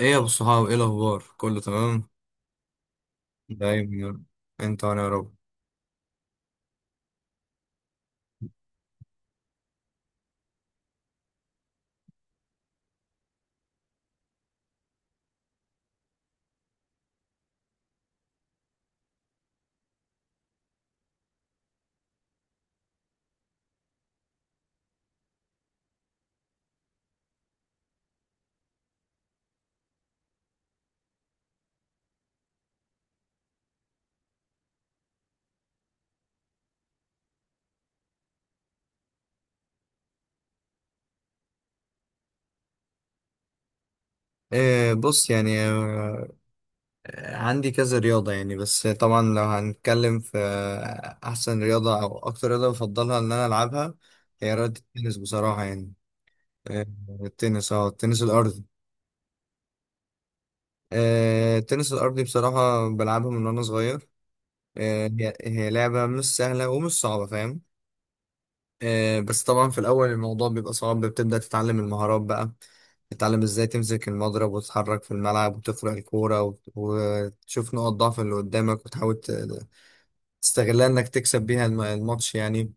ايه يا ابو الصحاب، ايه الاخبار؟ كله تمام؟ دايما يا رب. انت وانا يا رب. إيه، بص يعني، عندي كذا رياضة يعني. بس طبعا لو هنتكلم في أحسن رياضة أو أكتر رياضة بفضلها إن أنا ألعبها، هي رياضة التنس بصراحة يعني. آه، التنس الأرضي. التنس الأرضي بصراحة بلعبها من وأنا صغير. هي لعبة مش سهلة ومش صعبة، فاهم؟ بس طبعا في الأول الموضوع بيبقى صعب، بتبدأ تتعلم المهارات بقى، تتعلم ازاي تمسك المضرب وتتحرك في الملعب وتفرق الكورة وتشوف نقط ضعف اللي قدامك وتحاول تستغلها انك تكسب بيها الماتش يعني.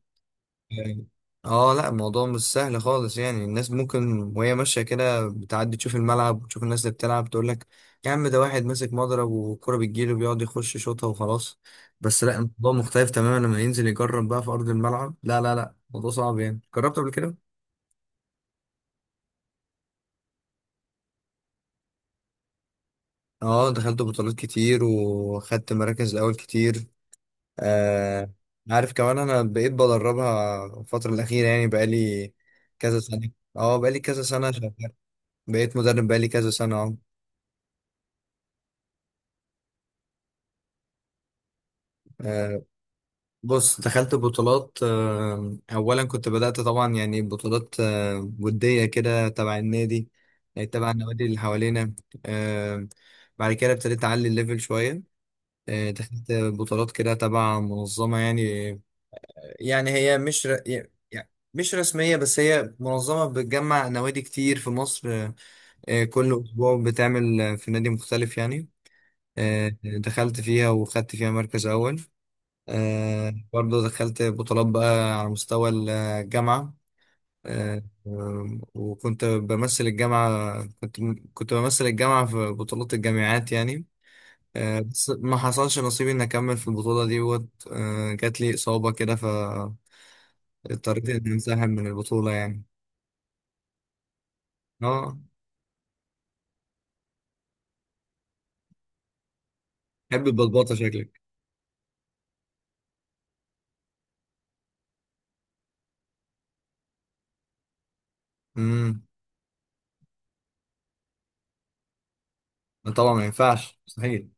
يعني اه، لا الموضوع مش سهل خالص يعني. الناس ممكن وهي ماشية كده بتعدي تشوف الملعب وتشوف الناس اللي بتلعب تقول لك: يا عم، ده واحد ماسك مضرب والكرة بتجيله بيقعد يخش يشوطها وخلاص. بس لا، الموضوع مختلف تماما لما ينزل يجرب بقى في أرض الملعب. لا لا لا، الموضوع صعب يعني. جربت قبل كده؟ اه، دخلت بطولات كتير وخدت مراكز الأول كتير. آه عارف كمان، أنا بقيت بدربها الفترة الأخيرة، يعني بقالي كذا سنة. اه، بقالي كذا سنة شغال. بقيت مدرب بقالي كذا سنة، اه. آه، بص، دخلت بطولات. اولا كنت بدأت طبعا يعني بطولات ودية كده تبع النادي، يعني تبع النوادي اللي حوالينا. آه، بعد كده ابتديت اعلي الليفل شوية. دخلت بطولات كده تبع منظمة، يعني يعني هي مش ر... يعني مش رسمية، بس هي منظمة بتجمع نوادي كتير في مصر. كل أسبوع بتعمل في نادي مختلف يعني. دخلت فيها وخدت فيها مركز أول. برضو دخلت بطولات بقى على مستوى الجامعة. وكنت بمثل الجامعة، كنت كنت بمثل الجامعة في بطولات الجامعات يعني. بس ما حصلش نصيبي إني أكمل في البطولة دي، وقت جات لي إصابة كده فاضطريت إني أنسحب من البطولة يعني. اه، حب البطبطة شكلك. امم طبعا، ما ينفعش مستحيل.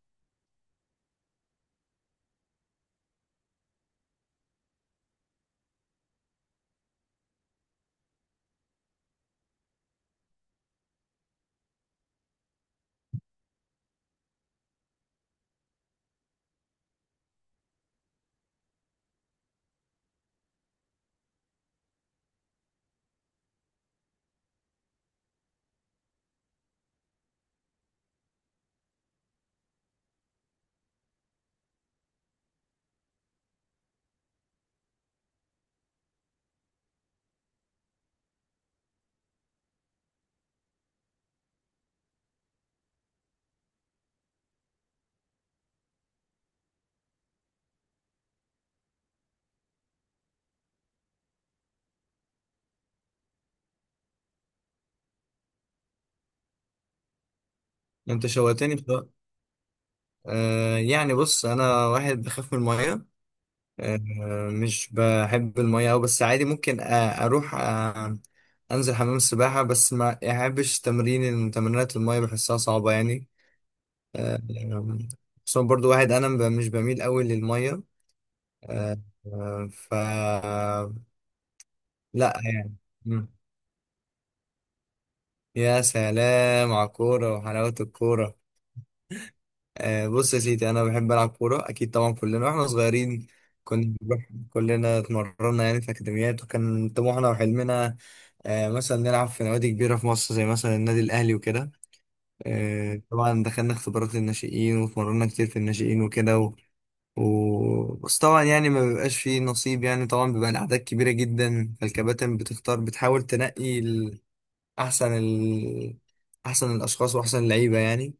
انت شوقتني بصراحة. يعني بص، انا واحد بخاف من الميه. آه، مش بحب المية أوي، بس عادي ممكن أروح أنزل حمام السباحة، بس ما أحبش تمرينات المية، بحسها صعبة يعني. آه، خصوصا برضو واحد أنا مش بميل أوي للمية. آه، آه، ف لا يعني. مم. يا سلام على الكورة وحلاوة الكورة. بص يا سيدي، انا بحب العب كوره اكيد. طبعا كلنا واحنا صغيرين كنا بنروح كلنا اتمرنا يعني في اكاديميات، وكان طموحنا وحلمنا مثلا نلعب في نوادي كبيره في مصر، زي مثلا النادي الاهلي وكده. طبعا دخلنا اختبارات الناشئين واتمرنا كتير في الناشئين وكده بس طبعا يعني ما بيبقاش فيه نصيب. يعني طبعا بيبقى الاعداد كبيره جدا، فالكباتن بتختار بتحاول تنقي احسن ال... احسن الاشخاص واحسن اللعيبه يعني.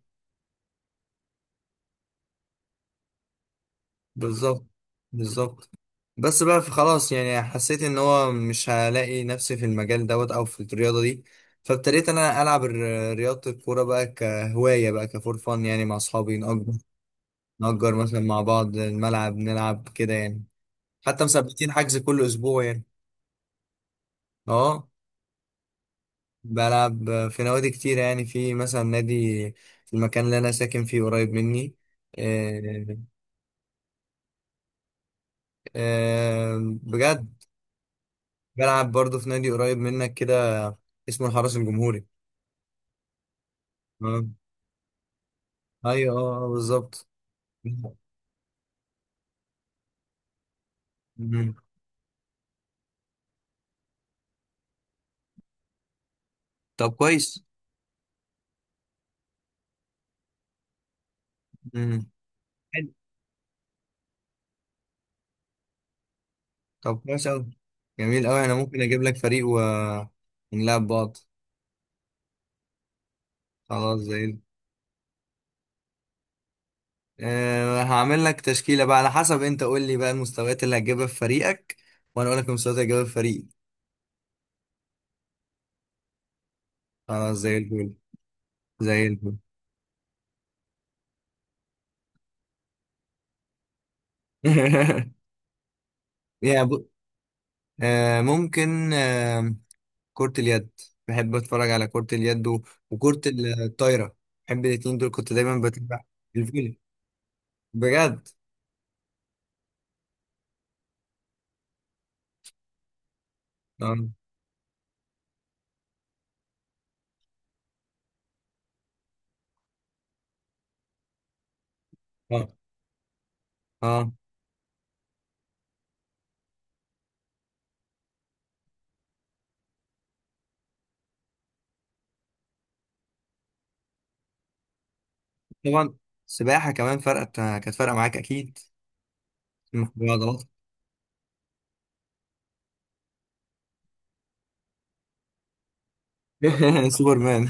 بالظبط، بالظبط. بس بقى في خلاص يعني، حسيت ان هو مش هلاقي نفسي في المجال دوت او في الرياضه دي. فابتديت انا العب رياضه الكوره بقى كهوايه، بقى كفور فن يعني مع اصحابي. نأجر مثلا مع بعض الملعب نلعب كده يعني. حتى مثبتين حجز كل اسبوع يعني. اه، بلعب في نوادي كتير، يعني في مثلا نادي في المكان اللي انا ساكن فيه قريب مني. آه، آه، بجد، بلعب برضه في نادي قريب منك كده، اسمه الحرس الجمهوري. اه، ايوه، اه، بالظبط. مم. طب كويس. مم. حلو. طب كويس أوي. جميل أوي، أنا ممكن أجيب لك فريق ونلعب بعض. خلاص زي ال- أه هعمل لك تشكيلة بقى، على حسب أنت قول لي بقى المستويات اللي هتجيبها في فريقك، وأنا أقول لك المستويات اللي هتجيبها في فريقي. خلاص، زي الفل، زي الفل. يعني ب... أه ممكن كرة اليد. بحب اتفرج على كرة اليد وكرة الطايرة. بحب الاتنين دول، كنت دايما بتابع الفيلم بجد. اه اه اه، طبعا السباحة كمان كانت فارقة معاك اكيد. عضلات. سوبرمان.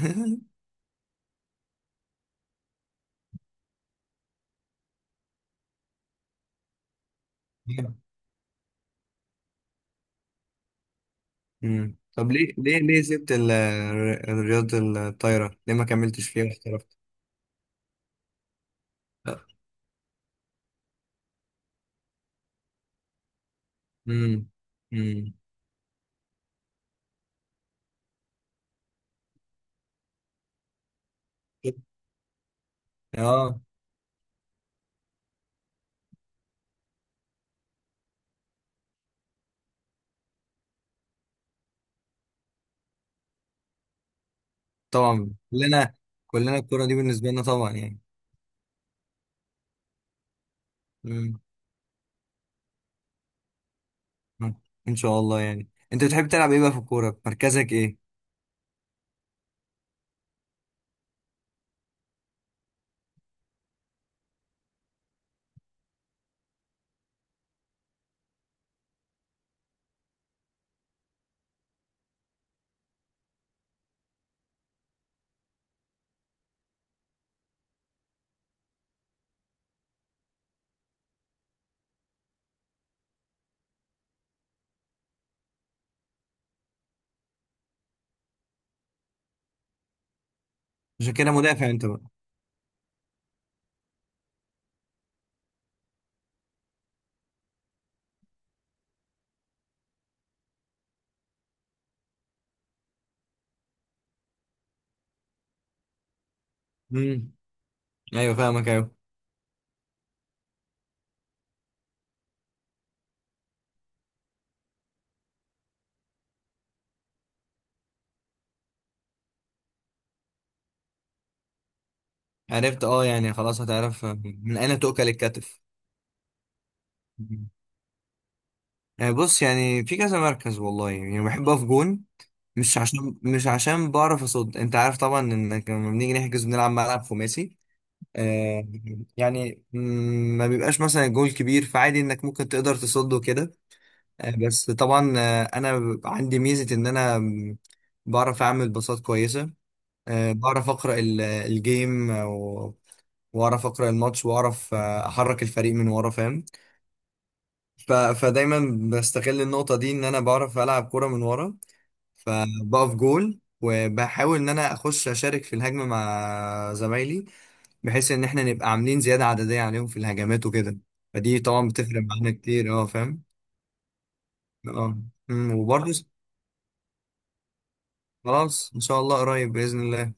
مم. طب ليه سبت رياضة الطايرة؟ ليه ما كملتش فيها واحترفت؟ امم امم اه طبعا كلنا. كلنا الكرة دي بالنسبة لنا طبعا، يعني. مم. ان شاء الله. يعني انت بتحب تلعب ايه بقى في الكوره؟ مركزك ايه؟ عشان كده مدافع انت بقى. امم ايوه فاهمك، ايوه. عرفت، يعني خلاص هتعرف من اين تؤكل الكتف. مم. يعني بص، يعني في كذا مركز، والله يعني بحب اقف جون، مش عشان بعرف اصد، انت عارف طبعا انك لما بنيجي نحجز بنلعب ملعب خماسي. آه يعني ما بيبقاش مثلا الجول كبير، فعادي انك ممكن تقدر تصده كده. بس طبعا انا عندي ميزه ان انا بعرف اعمل باصات كويسه. بعرف اقرا الجيم واعرف اقرا الماتش واعرف احرك الفريق من ورا، فاهم؟ فدايما بستغل النقطه دي، ان انا بعرف العب كوره من ورا. فبقف جول وبحاول ان انا اخش اشارك في الهجمه مع زمايلي، بحيث ان احنا نبقى عاملين زياده عدديه عليهم في الهجمات وكده. فدي طبعا بتفرق معانا كتير، اه فاهم. اه، وبرضه خلاص ان شاء الله قريب باذن الله.